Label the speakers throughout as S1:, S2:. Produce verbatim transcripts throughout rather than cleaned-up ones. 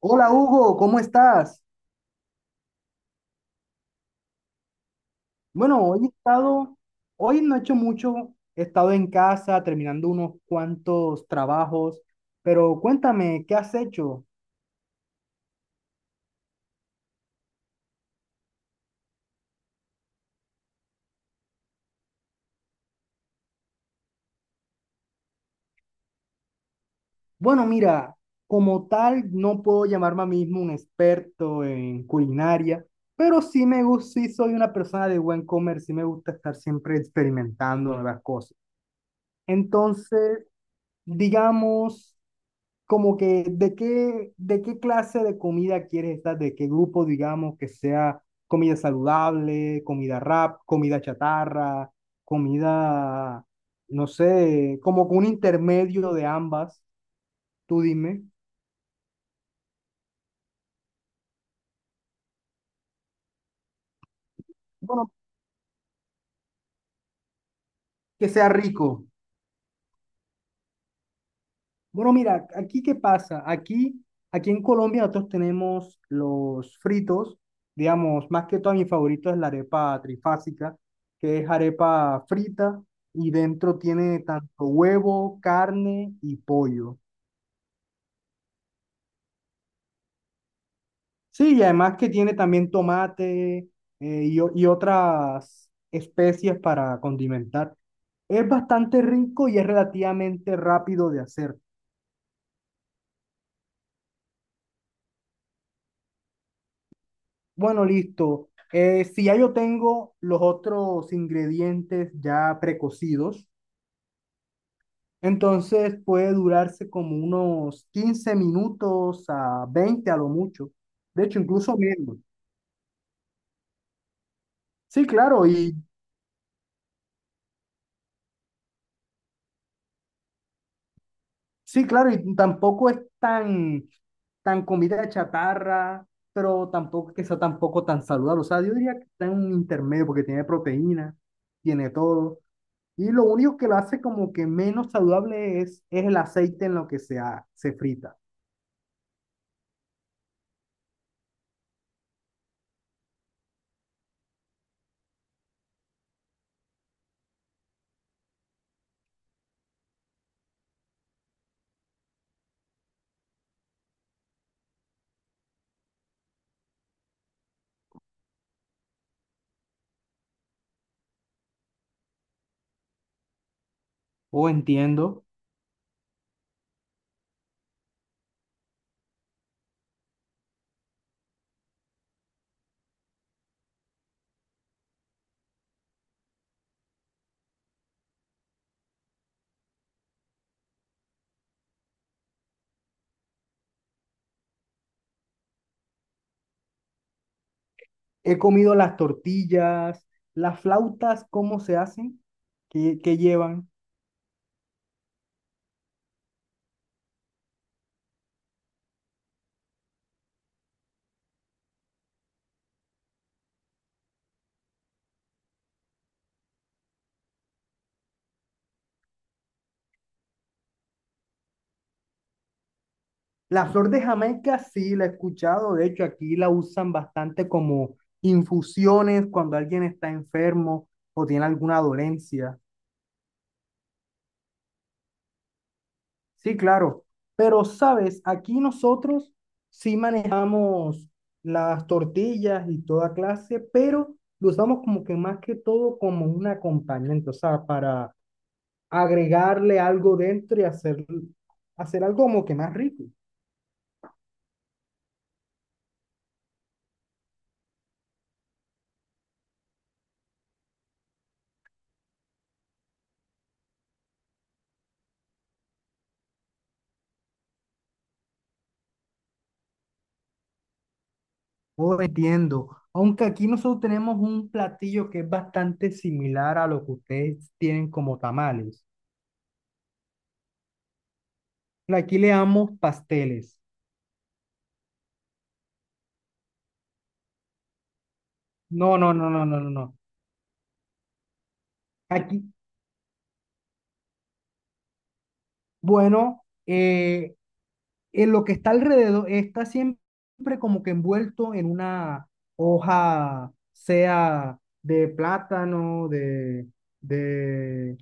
S1: Hola Hugo, ¿cómo estás? Bueno, hoy he estado, hoy no he hecho mucho, he estado en casa terminando unos cuantos trabajos, pero cuéntame, ¿qué has hecho? Bueno, mira, como tal no puedo llamarme a mí mismo un experto en culinaria, pero sí me gusta, sí soy una persona de buen comer, sí me gusta estar siempre experimentando nuevas cosas. Entonces, digamos como que de qué, de qué clase de comida quieres estar, de qué grupo, digamos, que sea comida saludable, comida rap, comida chatarra, comida, no sé, como que un intermedio de ambas, tú dime, bueno, que sea rico. Bueno, mira, aquí qué pasa. Aquí, aquí en Colombia nosotros tenemos los fritos, digamos, más que todo mi favorito es la arepa trifásica, que es arepa frita y dentro tiene tanto huevo, carne y pollo. Sí, y además que tiene también tomate eh, y, o- y otras especies para condimentar. Es bastante rico y es relativamente rápido de hacer. Bueno, listo. Eh, si ya yo tengo los otros ingredientes ya precocidos, entonces puede durarse como unos quince minutos a veinte a lo mucho. De hecho, incluso menos. Sí, claro, y sí, claro, y tampoco es tan, tan comida de chatarra, pero tampoco que sea tampoco tan saludable. O sea, yo diría que está en un intermedio porque tiene proteína, tiene todo. Y lo único que lo hace como que menos saludable es, es el aceite en lo que se, ha- se frita. Oh, entiendo. He comido las tortillas, las flautas, ¿cómo se hacen? ¿Qué, qué llevan? La flor de Jamaica sí la he escuchado. De hecho, aquí la usan bastante como infusiones cuando alguien está enfermo o tiene alguna dolencia. Sí, claro. Pero, sabes, aquí nosotros sí manejamos las tortillas y toda clase, pero lo usamos como que más que todo como un acompañamiento, o sea, para agregarle algo dentro y hacer, hacer algo como que más rico. Oh, entiendo. Aunque aquí nosotros tenemos un platillo que es bastante similar a lo que ustedes tienen como tamales. Aquí le damos pasteles. No, no, no, no, no, no, no. Aquí, bueno, eh, eh, lo que está alrededor está siempre como que envuelto en una hoja, sea de plátano, de, de,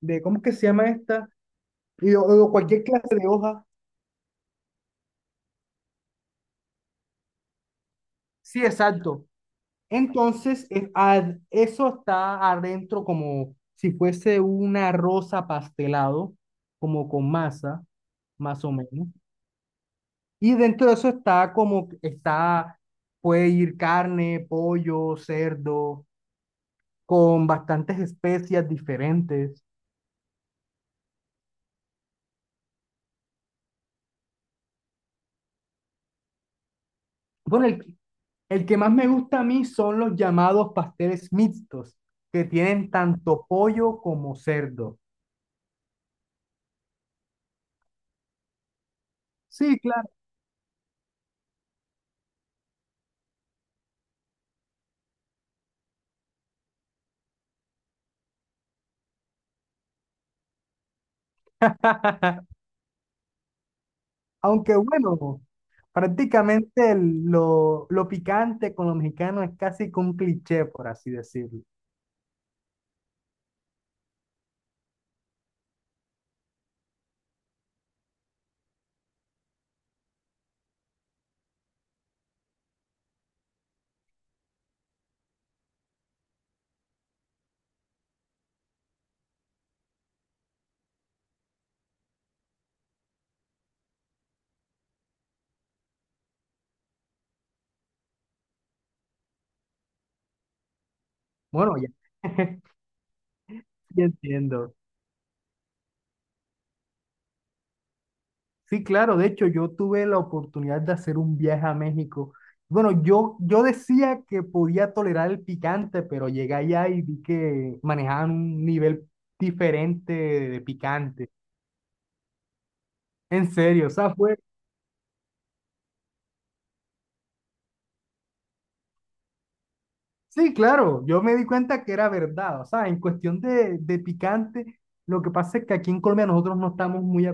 S1: de ¿cómo que se llama esta? Y, o, o cualquier clase de hoja. Sí, exacto. Entonces, es ad- eso está adentro como si fuese una rosa pastelado, como con masa, más o menos. Y dentro de eso está como, está, puede ir carne, pollo, cerdo con bastantes especias diferentes. Bueno, el, el que más me gusta a mí son los llamados pasteles mixtos, que tienen tanto pollo como cerdo. Sí, claro. Aunque bueno, prácticamente el- lo, lo picante con lo mexicano es casi que un cliché, por así decirlo. Bueno, ya, ya entiendo. Sí, claro, de hecho yo tuve la oportunidad de hacer un viaje a México. Bueno, yo, yo decía que podía tolerar el picante, pero llegué allá y vi que manejaban un nivel diferente de picante. En serio, o sea, fue, sí, claro, yo me di cuenta que era verdad. O sea, en cuestión de, de picante, lo que pasa es que aquí en Colombia nosotros no estamos muy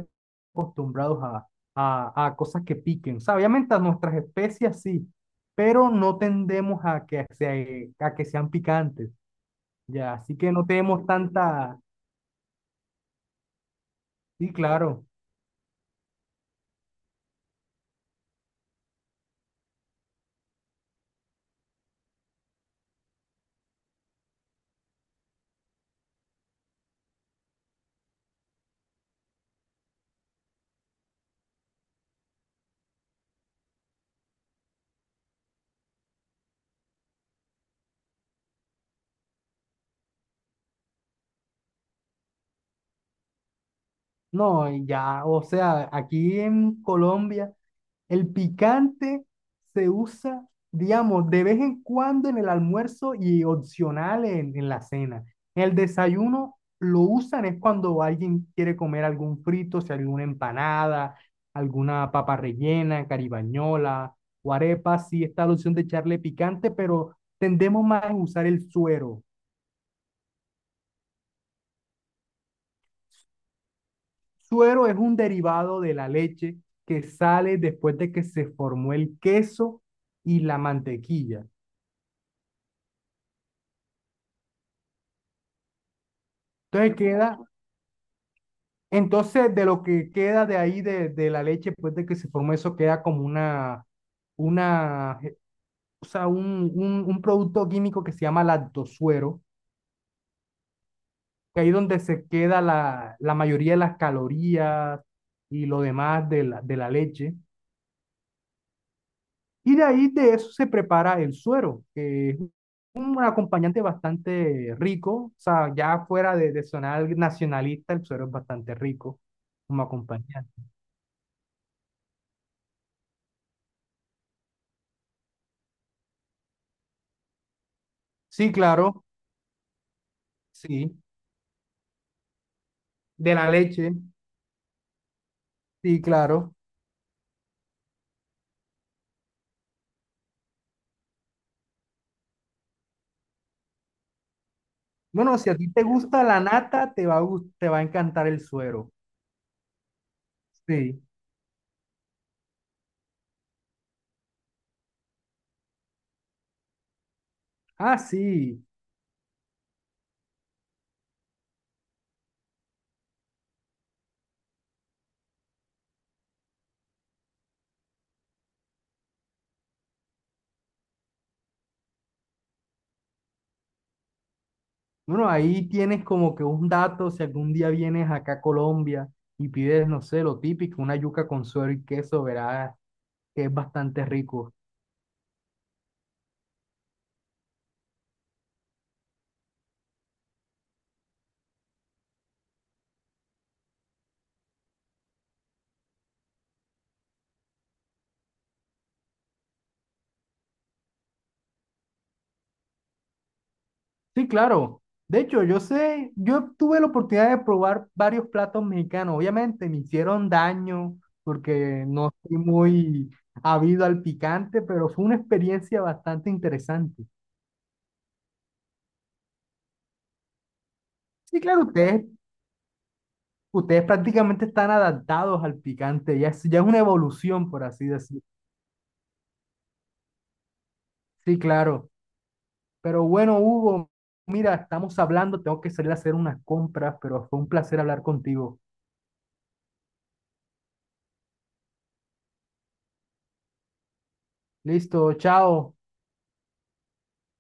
S1: acostumbrados a, a, a cosas que piquen. O sea, obviamente a nuestras especias sí, pero no tendemos a que, se- a que sean picantes. Ya, así que no tenemos tanta. Sí, claro. No, y ya, o sea, aquí en Colombia. El picante se usa, digamos, de vez en cuando en el almuerzo y opcional en, en la cena. En el desayuno lo usan es cuando alguien quiere comer algún frito, si alguna empanada, alguna papa rellena, caribañola o arepa. Sí está la opción de echarle picante, pero tendemos más a usar el suero. Suero es un derivado de la leche que sale después de que se formó el queso y la mantequilla. Entonces queda entonces, de lo que queda de ahí, de, de la leche, después de que se formó eso, queda como una, una, eh, o sea, un, un, un producto químico que se llama lactosuero, que ahí es donde se queda la, la mayoría de las calorías y lo demás de la, de la leche. Y de ahí de eso se prepara el suero, que es un acompañante bastante rico, o sea, ya fuera de, de sonar nacionalista, el suero es bastante rico como acompañante. Sí, claro, sí. De la leche. Sí, claro. Bueno, si a ti te gusta la nata, te va a, gus- te va a encantar el suero. Sí. Ah, sí. Bueno, ahí tienes como que un dato, si algún día vienes acá a Colombia y pides, no sé, lo típico, una yuca con suero y queso, verás que es bastante rico. Sí, claro. De hecho, yo sé, yo tuve la oportunidad de probar varios platos mexicanos. Obviamente me hicieron daño porque no soy muy habido al picante, pero fue una experiencia bastante interesante. Sí, claro, ustedes, ustedes prácticamente están adaptados al picante. Ya es, ya es una evolución, por así decirlo. Sí, claro. Pero bueno, Hugo, mira, estamos hablando, tengo que salir a hacer unas compras, pero fue un placer hablar contigo. Listo, chao.